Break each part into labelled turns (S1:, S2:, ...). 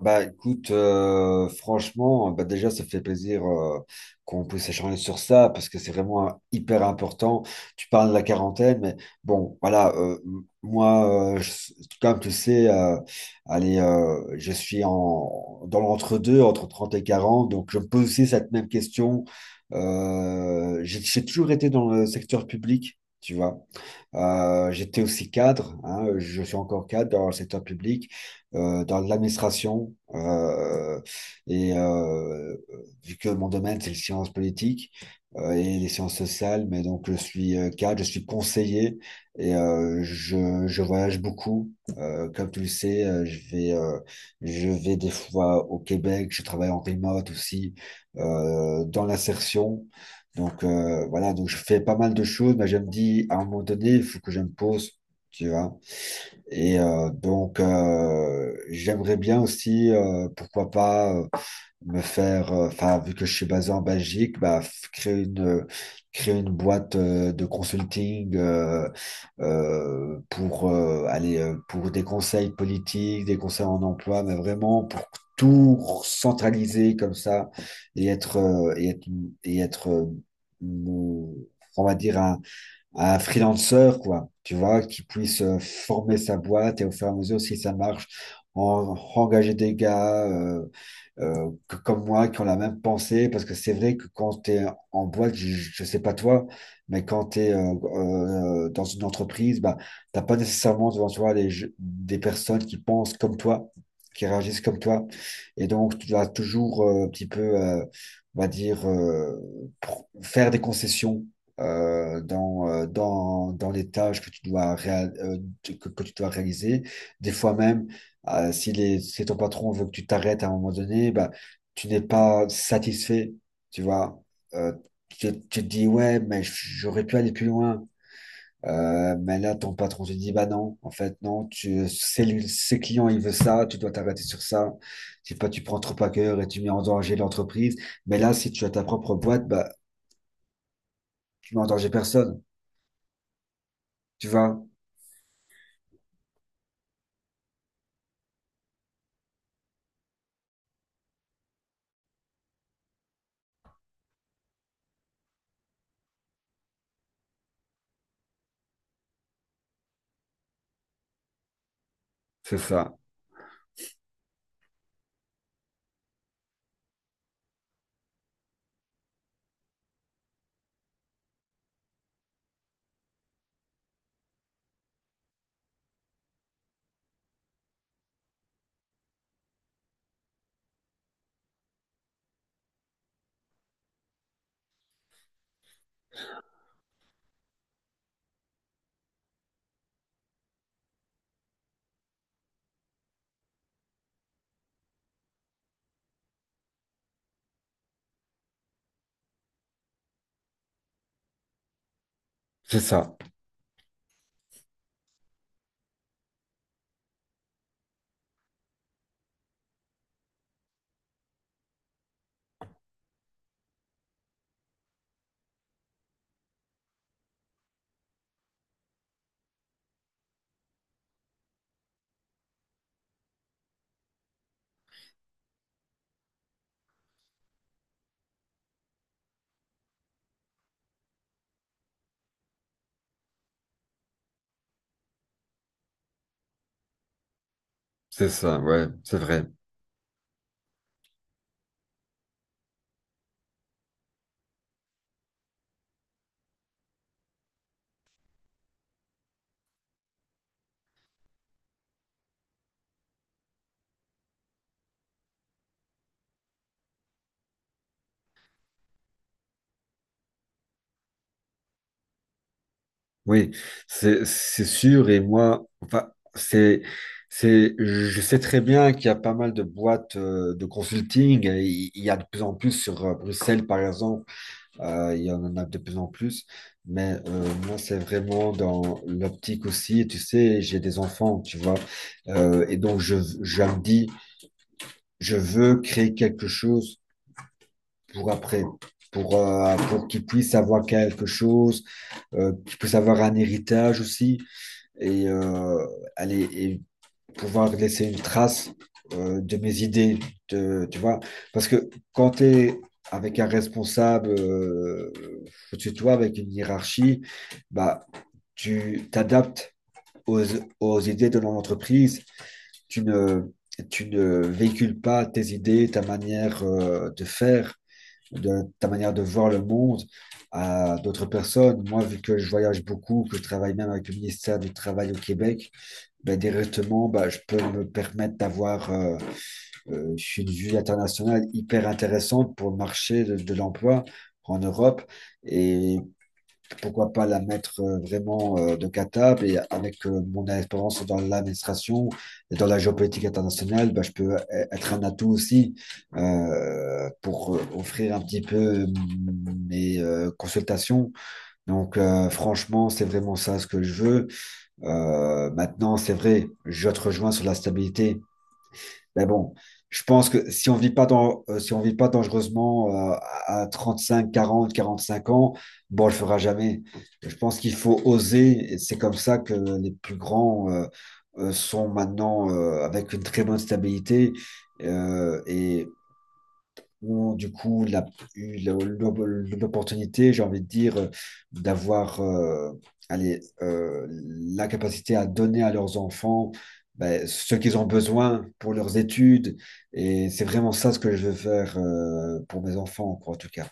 S1: Bah écoute, franchement, bah déjà ça fait plaisir qu'on puisse échanger sur ça parce que c'est vraiment hyper important. Tu parles de la quarantaine, mais bon, voilà, comme tu sais, allez, je suis dans l'entre-deux, entre 30 et 40 donc je me pose aussi cette même question. J'ai toujours été dans le secteur public, tu vois. J'étais aussi cadre, hein, je suis encore cadre dans le secteur public, dans l'administration. Et vu que mon domaine, c'est les sciences politiques et les sciences sociales, mais donc je suis cadre, je suis conseiller et je voyage beaucoup. Comme tu le sais, je vais des fois au Québec, je travaille en remote aussi, dans l'insertion. Donc voilà, donc je fais pas mal de choses, mais je me dis à un moment donné, il faut que je me pose, tu vois. Et donc, j'aimerais bien aussi, pourquoi pas, me faire, enfin, vu que je suis basé en Belgique, bah, créer une boîte de consulting pour aller pour des conseils politiques, des conseils en emploi, mais vraiment pour tout centraliser comme ça et être, mon- on va dire, un freelancer, quoi, tu vois, qui puisse former sa boîte et au fur et à mesure, si ça marche, engager des gars comme moi qui ont la même pensée. Parce que c'est vrai que quand tu es en boîte, je sais pas toi, mais quand tu es dans une entreprise, bah, t'as pas nécessairement devant toi des personnes qui pensent comme toi, qui réagissent comme toi. Et donc, tu dois toujours un petit peu, on va dire, faire des concessions dans les tâches que tu dois, que tu dois réaliser. Des fois même, si ton patron veut que tu t'arrêtes à un moment donné, bah, tu n'es pas satisfait, tu vois. Euh, tu te dis, ouais, mais j'aurais pu aller plus loin. Mais là, ton patron te dit, bah non, en fait, non, ses clients, il veut ça, tu dois t'arrêter sur ça. Si pas, tu prends trop à cœur et tu mets en danger l'entreprise. Mais là, si tu as ta propre boîte, bah, tu mets en danger personne, tu vois. C'est ça. C'est ça, c'est ça, ouais, c'est vrai. Oui, c'est sûr. Et moi, enfin, je sais très bien qu'il y a pas mal de boîtes de consulting. Et il y a de plus en plus sur Bruxelles, par exemple. Il y en a de plus en plus, mais moi, c'est vraiment dans l'optique aussi. Tu sais, j'ai des enfants, tu vois, et donc je me dis, je veux créer quelque chose pour après, pour qu'ils puissent avoir quelque chose, qu'ils puissent avoir un héritage aussi. Et allez, et pouvoir laisser une trace de mes idées, de, tu vois. Parce que quand tu es avec un responsable au-dessus de toi, avec une hiérarchie, bah, tu t'adaptes aux, aux idées de l'entreprise. Tu ne, Tu ne véhicules pas tes idées, ta manière de faire, de, ta manière de voir le monde à d'autres personnes. Moi, vu que je voyage beaucoup, que je travaille même avec le ministère du Travail au Québec, ben, directement, ben, je peux me permettre d'avoir une vue internationale hyper intéressante pour le marché de l'emploi en Europe et pourquoi pas la mettre vraiment de catable et avec mon expérience dans l'administration et dans la géopolitique internationale, ben, je peux être un atout aussi pour offrir un petit peu mes consultations. Donc franchement, c'est vraiment ça ce que je veux. Maintenant, c'est vrai, je te rejoins sur la stabilité. Mais bon, je pense que si on vit pas si on vit pas dangereusement à 35, 40, 45 ans, bon, on le fera jamais. Je pense qu'il faut oser. Et c'est comme ça que les plus grands sont maintenant avec une très bonne stabilité et ont du coup eu la- l'opportunité, j'ai envie de dire, d'avoir allez, la capacité à donner à leurs enfants ben, ce qu'ils ont besoin pour leurs études. Et c'est vraiment ça ce que je veux faire pour mes enfants, quoi, en tout cas.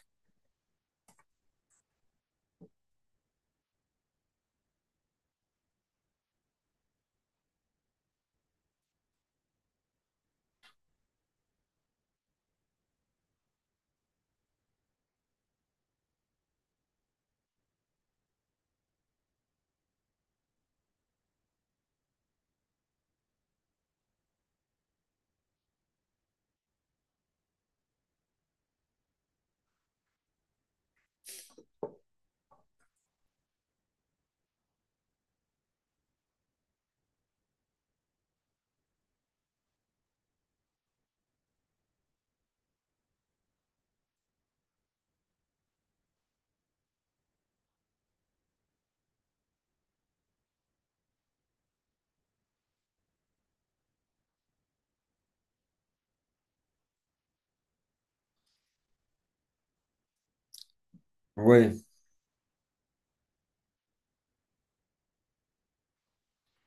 S1: Oui.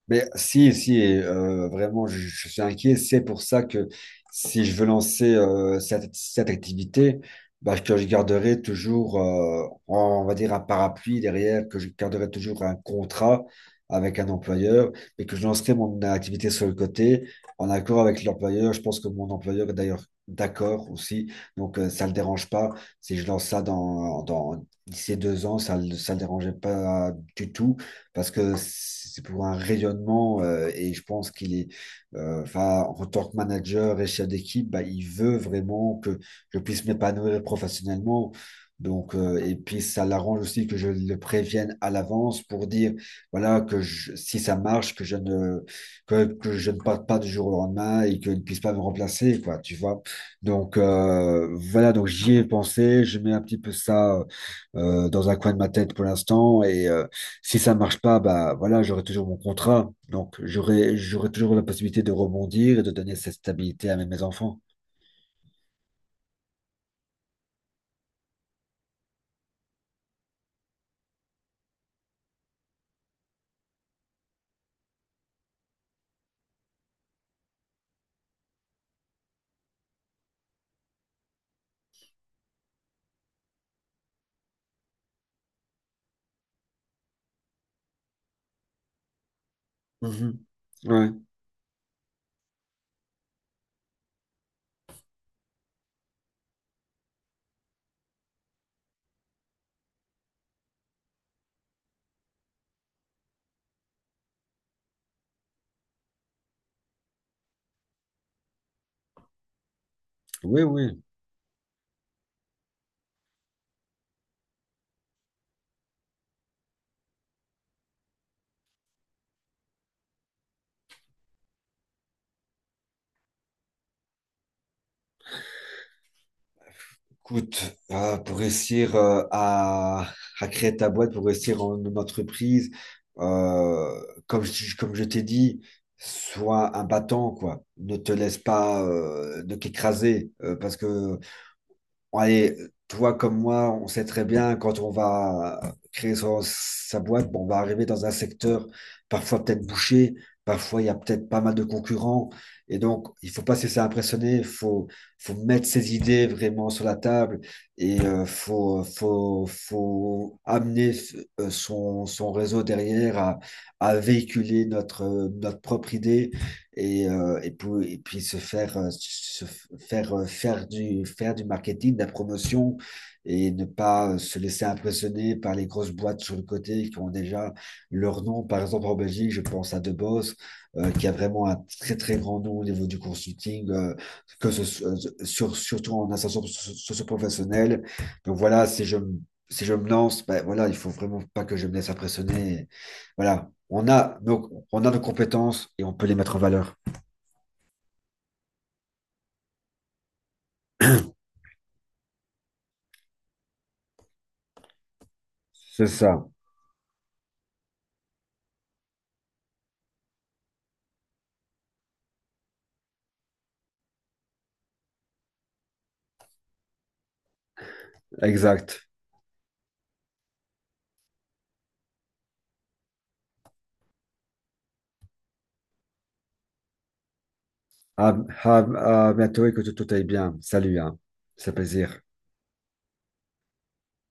S1: Mais si, si, vraiment, je suis inquiet. C'est pour ça que si je veux lancer cette activité, bah, que je garderai toujours, on va dire, un parapluie derrière, que je garderai toujours un contrat avec un employeur, et que je lancerai mon activité sur le côté, en accord avec l'employeur. Je pense que mon employeur est d'ailleurs d'accord aussi, donc ça ne le dérange pas. Si je lance ça dans d'ici 2 ans, ça le dérangeait pas du tout parce que c'est pour un rayonnement et je pense qu'il est, enfin, en tant que manager et chef d'équipe, bah, il veut vraiment que je puisse m'épanouir professionnellement. Donc, et puis ça l'arrange aussi que je le prévienne à l'avance pour dire, voilà, si ça marche, que je ne parte pas du jour au lendemain et qu'il ne puisse pas me remplacer, quoi, tu vois. Donc, voilà, donc j'y ai pensé, je mets un petit peu ça dans un coin de ma tête pour l'instant et si ça marche pas, bah voilà, j'aurai toujours mon contrat. Donc j'aurai toujours la possibilité de rebondir et de donner cette stabilité à mes enfants. Mhm. Ouais. Oui, oui. Écoute, pour réussir à créer ta boîte, pour réussir en une entreprise, euh, comme je t'ai dit, sois un battant, quoi. Ne te laisse pas de qu'écraser, parce que allez, toi comme moi, on sait très bien quand on va créer sa boîte, bon, on va arriver dans un secteur parfois peut-être bouché, parfois il y a peut-être pas mal de concurrents. Et donc, il faut pas se laisser impressionner, faut mettre ses idées vraiment sur la table et faut amener son réseau derrière à véhiculer notre propre idée et puis se faire, faire du marketing, de la promotion et ne pas se laisser impressionner par les grosses boîtes sur le côté qui ont déjà leur nom. Par exemple, en Belgique, je pense à De Boss, qui a vraiment un très, très grand nom au niveau du consulting, que ce, soit- sur, surtout en ascension socio-professionnelle. Donc voilà, si je me lance, ben voilà, il faut vraiment pas que je me laisse impressionner. Voilà, on a nos compétences et on peut les mettre en valeur. C'est ça, exact. À, à bientôt et que tout aille bien. Salut, hein. C'est plaisir.